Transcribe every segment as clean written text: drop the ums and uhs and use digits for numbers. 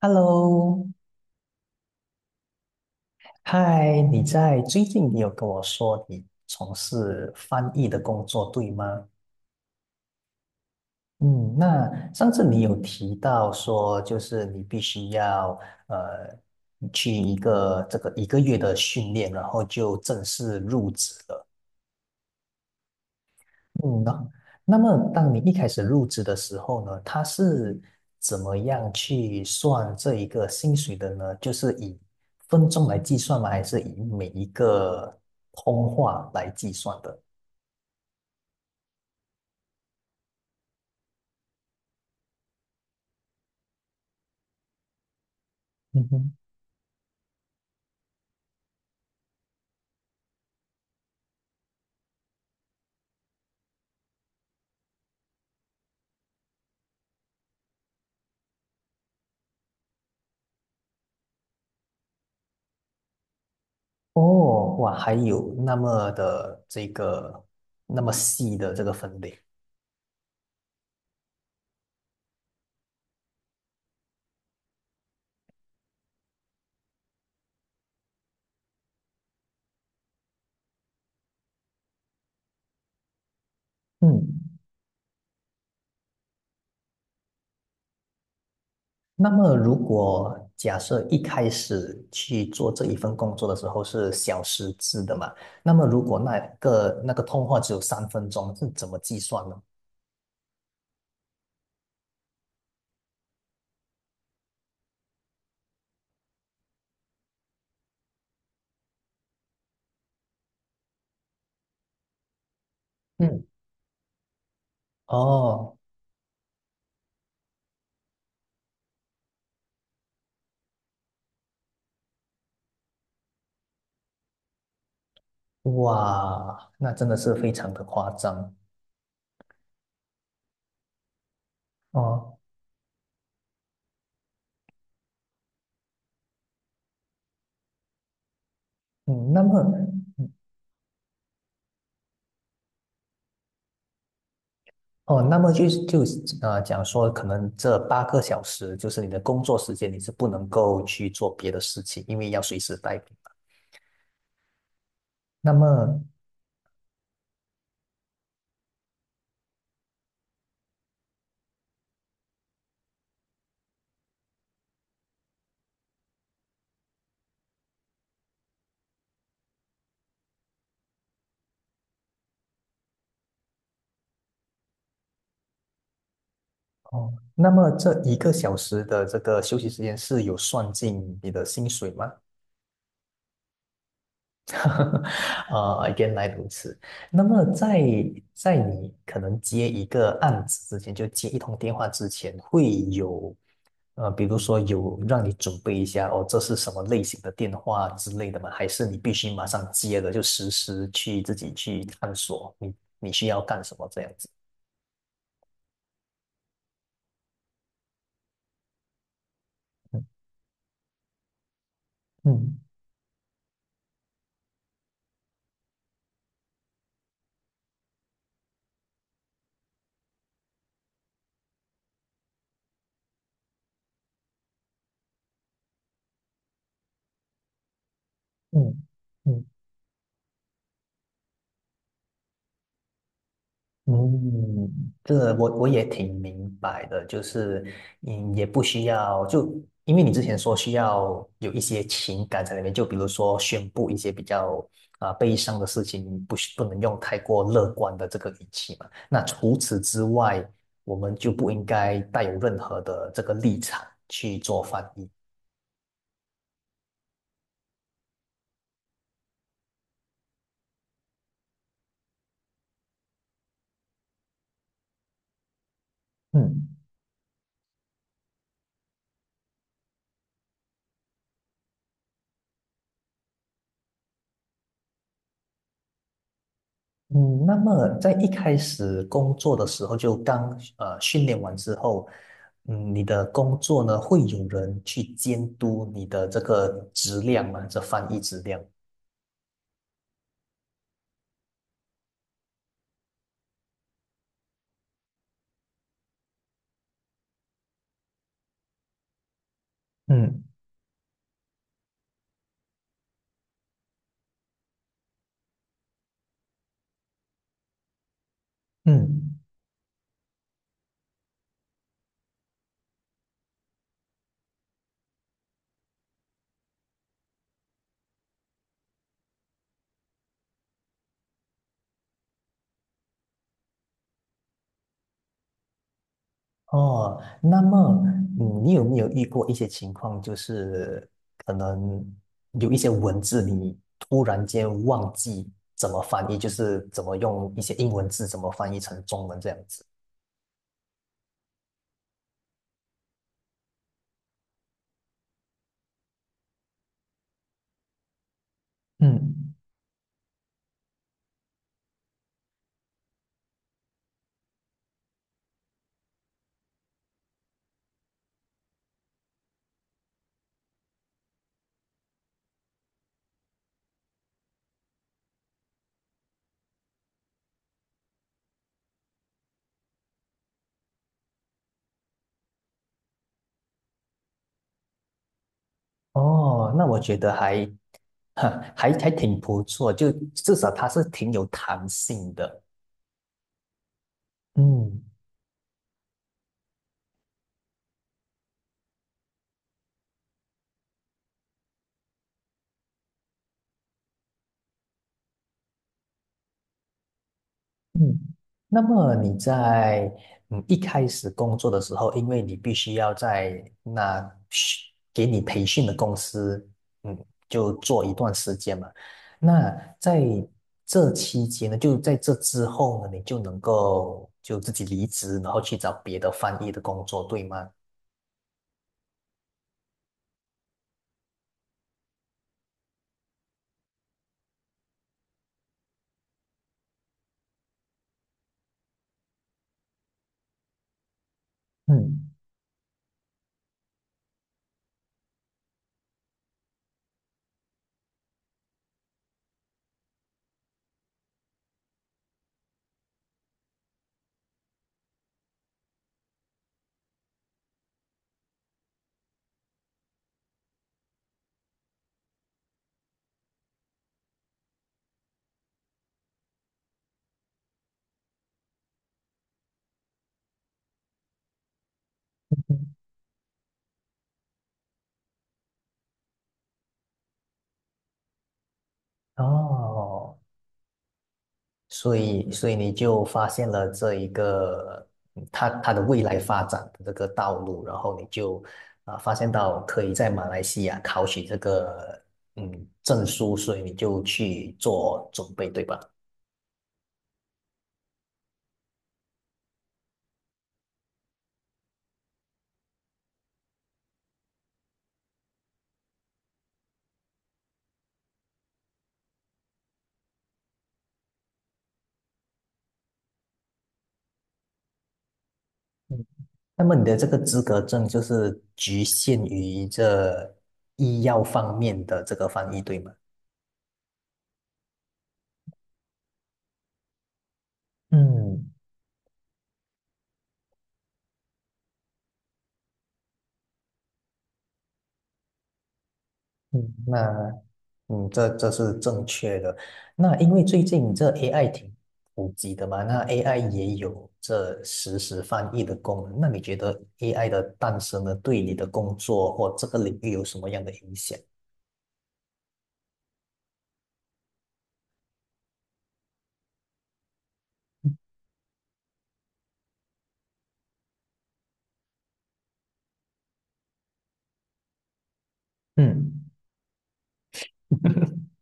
Hello，嗨，你在最近你有跟我说你从事翻译的工作，对吗？嗯，那上次你有提到说，就是你必须要呃去这个1个月的训练，然后就正式入职了。嗯，那么当你一开始入职的时候呢，他是怎么样去算这一个薪水的呢？就是以分钟来计算吗？还是以每一个通话来计算的？嗯哼，哦，哇，还有那么细的这个分类。嗯。那么，如果假设一开始去做这一份工作的时候是小时制的嘛，那么如果那个通话只有3分钟，是怎么计算呢？嗯，哦，哇，那真的是非常的夸张哦。嗯，那么，哦，那么就是讲说，可能这8个小时就是你的工作时间，你是不能够去做别的事情，因为要随时待命。那么，哦，那么这1个小时的这个休息时间是有算进你的薪水吗？原来如此。那么在你可能接一个案子之前，就接一通电话之前，会有比如说有让你准备一下哦，这是什么类型的电话之类的吗？还是你必须马上接了就实时去自己去探索你需要干什么这样子？嗯嗯嗯嗯。嗯，这我也挺明白的，就是嗯，也不需要因为你之前说需要有一些情感在里面，就比如说宣布一些比较悲伤的事情，不能用太过乐观的这个语气嘛。那除此之外，我们就不应该带有任何的这个立场去做翻译。嗯。嗯，那么在一开始工作的时候，就刚训练完之后，嗯，你的工作呢，会有人去监督你的这个质量吗？这翻译质量？嗯嗯哦，那么你有没有遇过一些情况，就是可能有一些文字你突然间忘记怎么翻译，就是怎么用一些英文字怎么翻译成中文这样子？嗯哦，那我觉得还 还挺不错，就至少它是挺有弹性的。嗯嗯，那么你在一开始工作的时候，因为你必须要在那训给你培训的公司，嗯，就做一段时间嘛。那在这期间呢，就在这之后呢，你就能够就自己离职，然后去找别的翻译的工作，对吗？嗯。嗯哦，所以你就发现了这一个它的未来发展的这个道路，然后你就发现到可以在马来西亚考取这个证书，所以你就去做准备，对吧？嗯，那么你的这个资格证就是局限于这医药方面的这个翻译，对吗？嗯嗯，那这是正确的。那因为最近这 AI 挺普及的嘛，那 AI 也有这实时翻译的功能。那你觉得 AI 的诞生呢，对你的工作或这个领域有什么样的影响？嗯，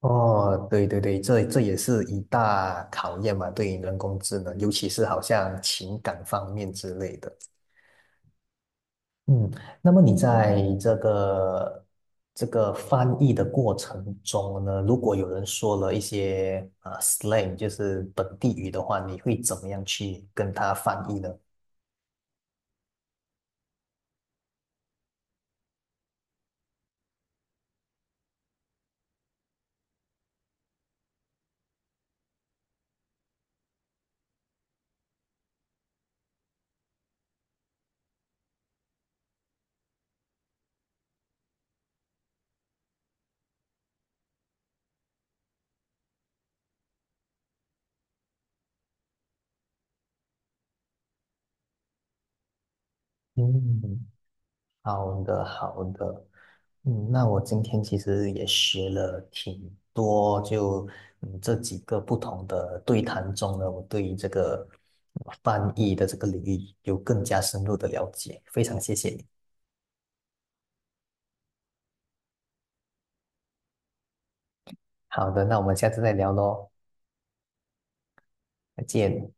哦，对对对，这也是一大考验嘛，对于人工智能，尤其是好像情感方面之类的。嗯，那么你在这个翻译的过程中呢，如果有人说了一些slang，就是本地语的话，你会怎么样去跟他翻译呢？嗯，好的，好的。嗯，那我今天其实也学了挺多，就这几个不同的对谈中呢，我对于这个翻译的这个领域有更加深入的了解，非常谢谢你。好的，那我们下次再聊喽。再见。